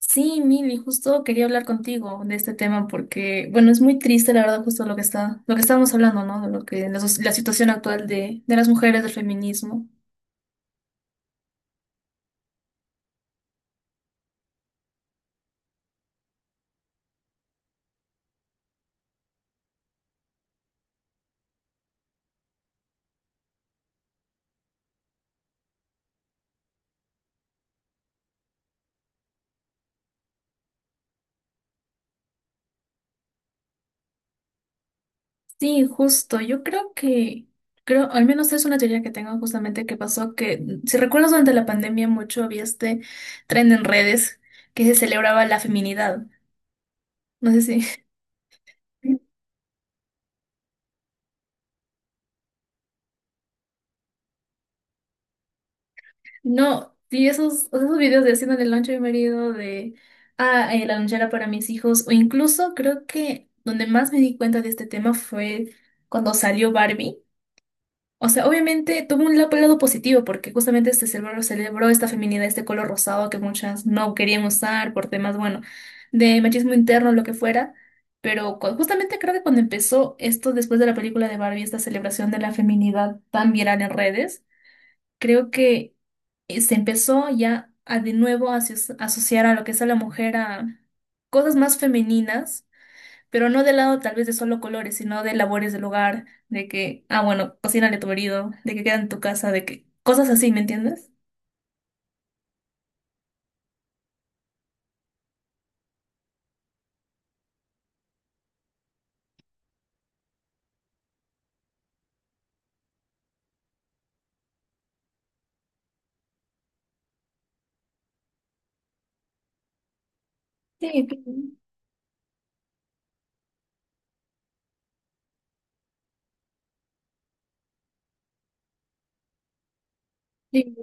Sí, Mili, justo quería hablar contigo de este tema porque, bueno, es muy triste, la verdad, justo lo que estábamos hablando, ¿no? De lo que, la, soc- La situación actual de las mujeres, del feminismo. Sí, justo. Yo creo, al menos es una teoría que tengo, justamente que pasó que, si recuerdas, durante la pandemia mucho había este trend en redes que se celebraba la feminidad. No sé si. No, y esos, o sea, esos videos de haciendo el lonche a mi marido, la lonchera para mis hijos, o incluso creo que donde más me di cuenta de este tema fue cuando salió Barbie. O sea, obviamente tuvo un lado positivo, porque justamente este cerebro celebró esta feminidad, este color rosado que muchas no querían usar por temas, bueno, de machismo interno, lo que fuera. Pero justamente creo que cuando empezó esto, después de la película de Barbie, esta celebración de la feminidad tan viral en redes, creo que se empezó ya a de nuevo a asociar a lo que es a la mujer a cosas más femeninas, pero no del lado tal vez de solo colores, sino de labores del hogar, de que, ah, bueno, cocínale a tu marido, de que queda en tu casa, de que cosas así, ¿me entiendes? Sí, claro. Sí,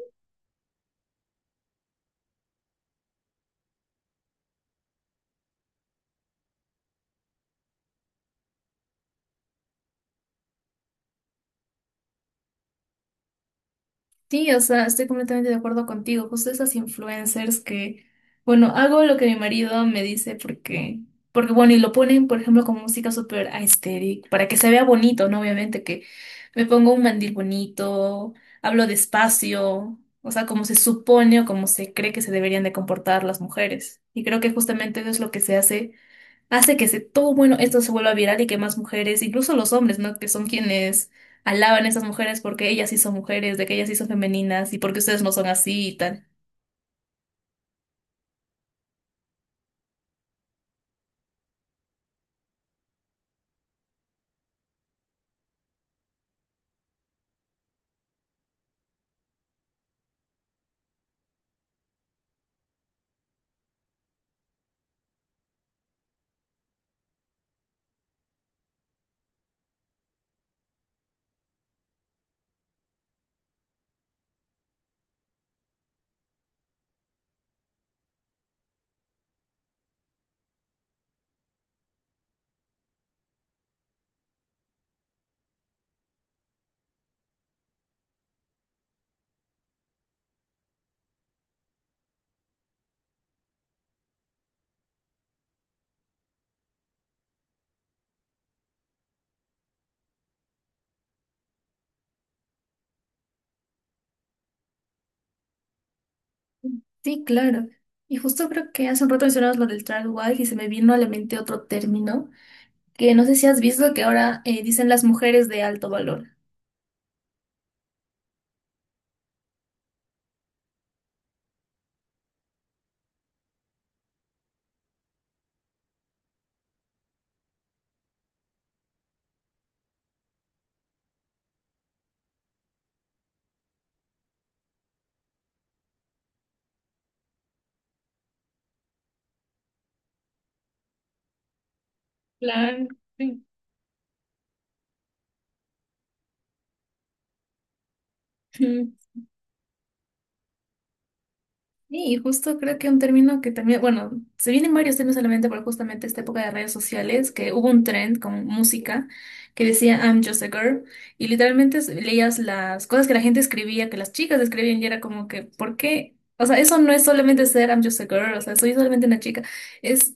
sí, o sea, estoy completamente de acuerdo contigo. Justo esas influencers que, bueno, hago lo que mi marido me dice porque bueno, y lo ponen, por ejemplo, con música súper aesthetic, para que se vea bonito, ¿no? Obviamente que me pongo un mandil bonito, hablo despacio, o sea, como se supone o como se cree que se deberían de comportar las mujeres. Y creo que justamente eso es lo que se hace hace que se, todo bueno, esto se vuelva viral y que más mujeres, incluso los hombres, ¿no? Que son quienes alaban a esas mujeres porque ellas sí son mujeres, de que ellas sí son femeninas, y porque ustedes no son así y tal. Sí, claro. Y justo creo que hace un rato mencionabas lo del tradwife, y se me vino a la mente otro término que no sé si has visto que ahora dicen, las mujeres de alto valor. Claro, sí. Sí, y justo creo que un término que también, bueno, se vienen varios términos solamente por justamente esta época de redes sociales, que hubo un trend con música que decía I'm just a girl, y literalmente leías las cosas que la gente escribía, que las chicas escribían, y era como que, ¿por qué? O sea, eso no es solamente ser I'm just a girl, o sea, soy solamente una chica, es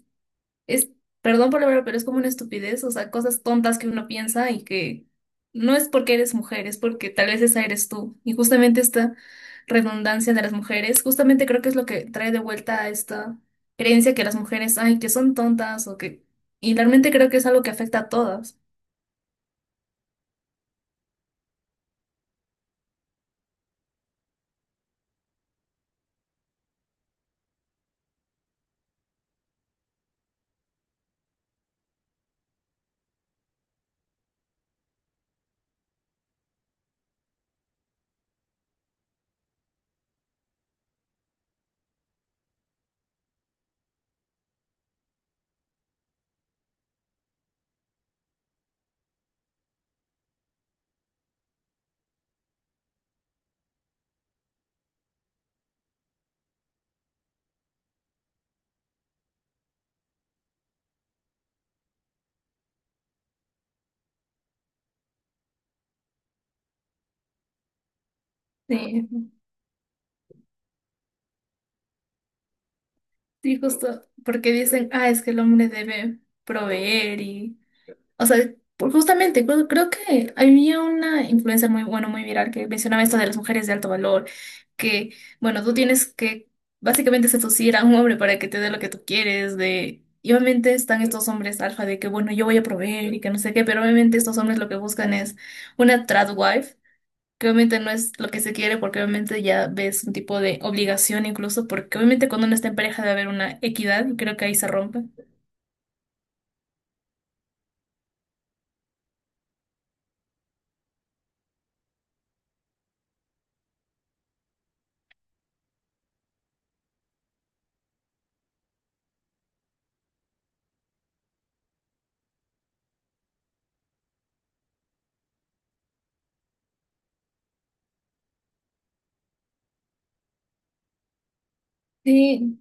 es, perdón por la verdad, pero es como una estupidez, o sea, cosas tontas que uno piensa y que no es porque eres mujer, es porque tal vez esa eres tú. Y justamente esta redundancia de las mujeres, justamente creo que es lo que trae de vuelta a esta creencia que las mujeres, ay, que son tontas o que... Y realmente creo que es algo que afecta a todas. Sí, sí, justo porque dicen, ah, es que el hombre debe proveer y o sea, justamente, creo que había una influencer muy, bueno, muy viral, que mencionaba esto de las mujeres de alto valor, que, bueno, tú tienes que básicamente seducir a un hombre para que te dé lo que tú quieres, de... Y obviamente están estos hombres alfa de que, bueno, yo voy a proveer y que no sé qué, pero obviamente estos hombres lo que buscan es una trad wife, que obviamente no es lo que se quiere, porque obviamente ya ves un tipo de obligación incluso, porque obviamente cuando uno está en pareja debe haber una equidad y creo que ahí se rompe. Sí,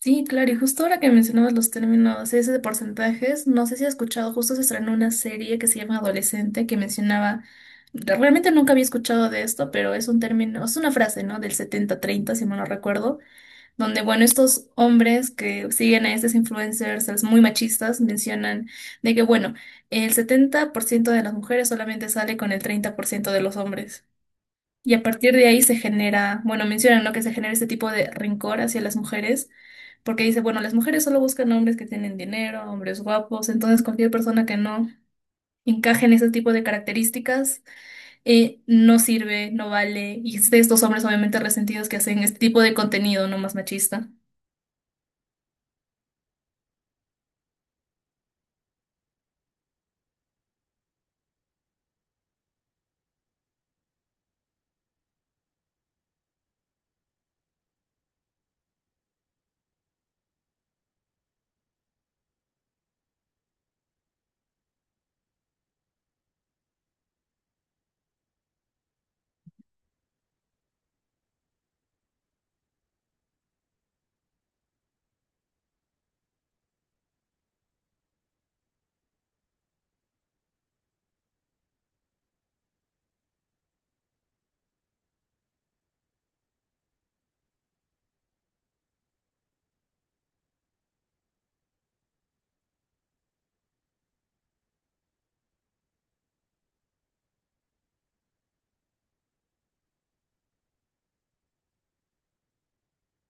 sí, claro, y justo ahora que mencionabas los términos ese de porcentajes, no sé si has escuchado, justo se estrenó una serie que se llama Adolescente, que mencionaba, realmente nunca había escuchado de esto, pero es un término, es una frase, ¿no? Del 70-30, si mal no recuerdo, donde, bueno, estos hombres que siguen a estos influencers es muy machistas, mencionan de que, bueno, el 70% de las mujeres solamente sale con el 30% de los hombres. Y a partir de ahí se genera, bueno, mencionan, ¿no? Que se genera este tipo de rencor hacia las mujeres, porque dice, bueno, las mujeres solo buscan hombres que tienen dinero, hombres guapos, entonces cualquier persona que no encaje en ese tipo de características no sirve, no vale. Y es de estos hombres obviamente resentidos que hacen este tipo de contenido, no más machista.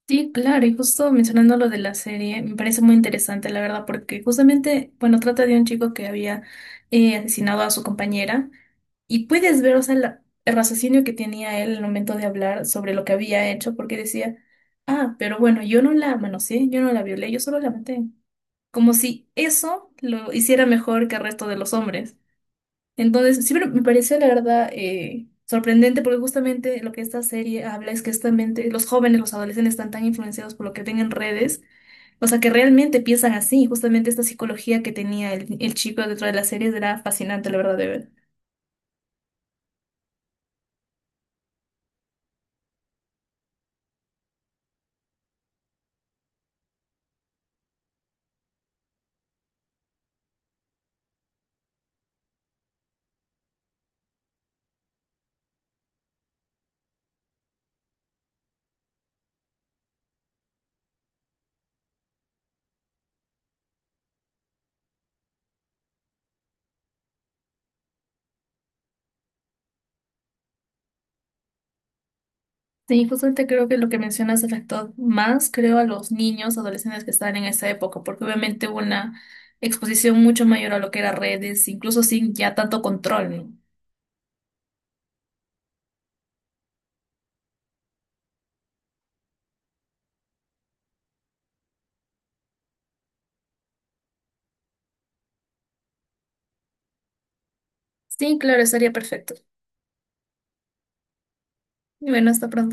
Sí, claro, y justo mencionando lo de la serie, me parece muy interesante, la verdad, porque justamente, bueno, trata de un chico que había asesinado a su compañera, y puedes ver, o sea, el raciocinio que tenía él al momento de hablar sobre lo que había hecho, porque decía, ah, pero bueno, yo no la manoseé, yo no la violé, yo solo la maté. Como si eso lo hiciera mejor que el resto de los hombres. Entonces, siempre me pareció, la verdad, sorprendente, porque justamente lo que esta serie habla es que justamente los jóvenes, los adolescentes están tan influenciados por lo que ven en redes, o sea, que realmente piensan así. Justamente esta psicología que tenía el chico dentro de la serie era fascinante, la verdad, de ver. Sí, justamente creo que lo que mencionas afectó más, creo, a los niños, adolescentes que estaban en esa época, porque obviamente hubo una exposición mucho mayor a lo que era redes, incluso sin ya tanto control, ¿no? Sí, claro, estaría perfecto. Y bueno, hasta pronto.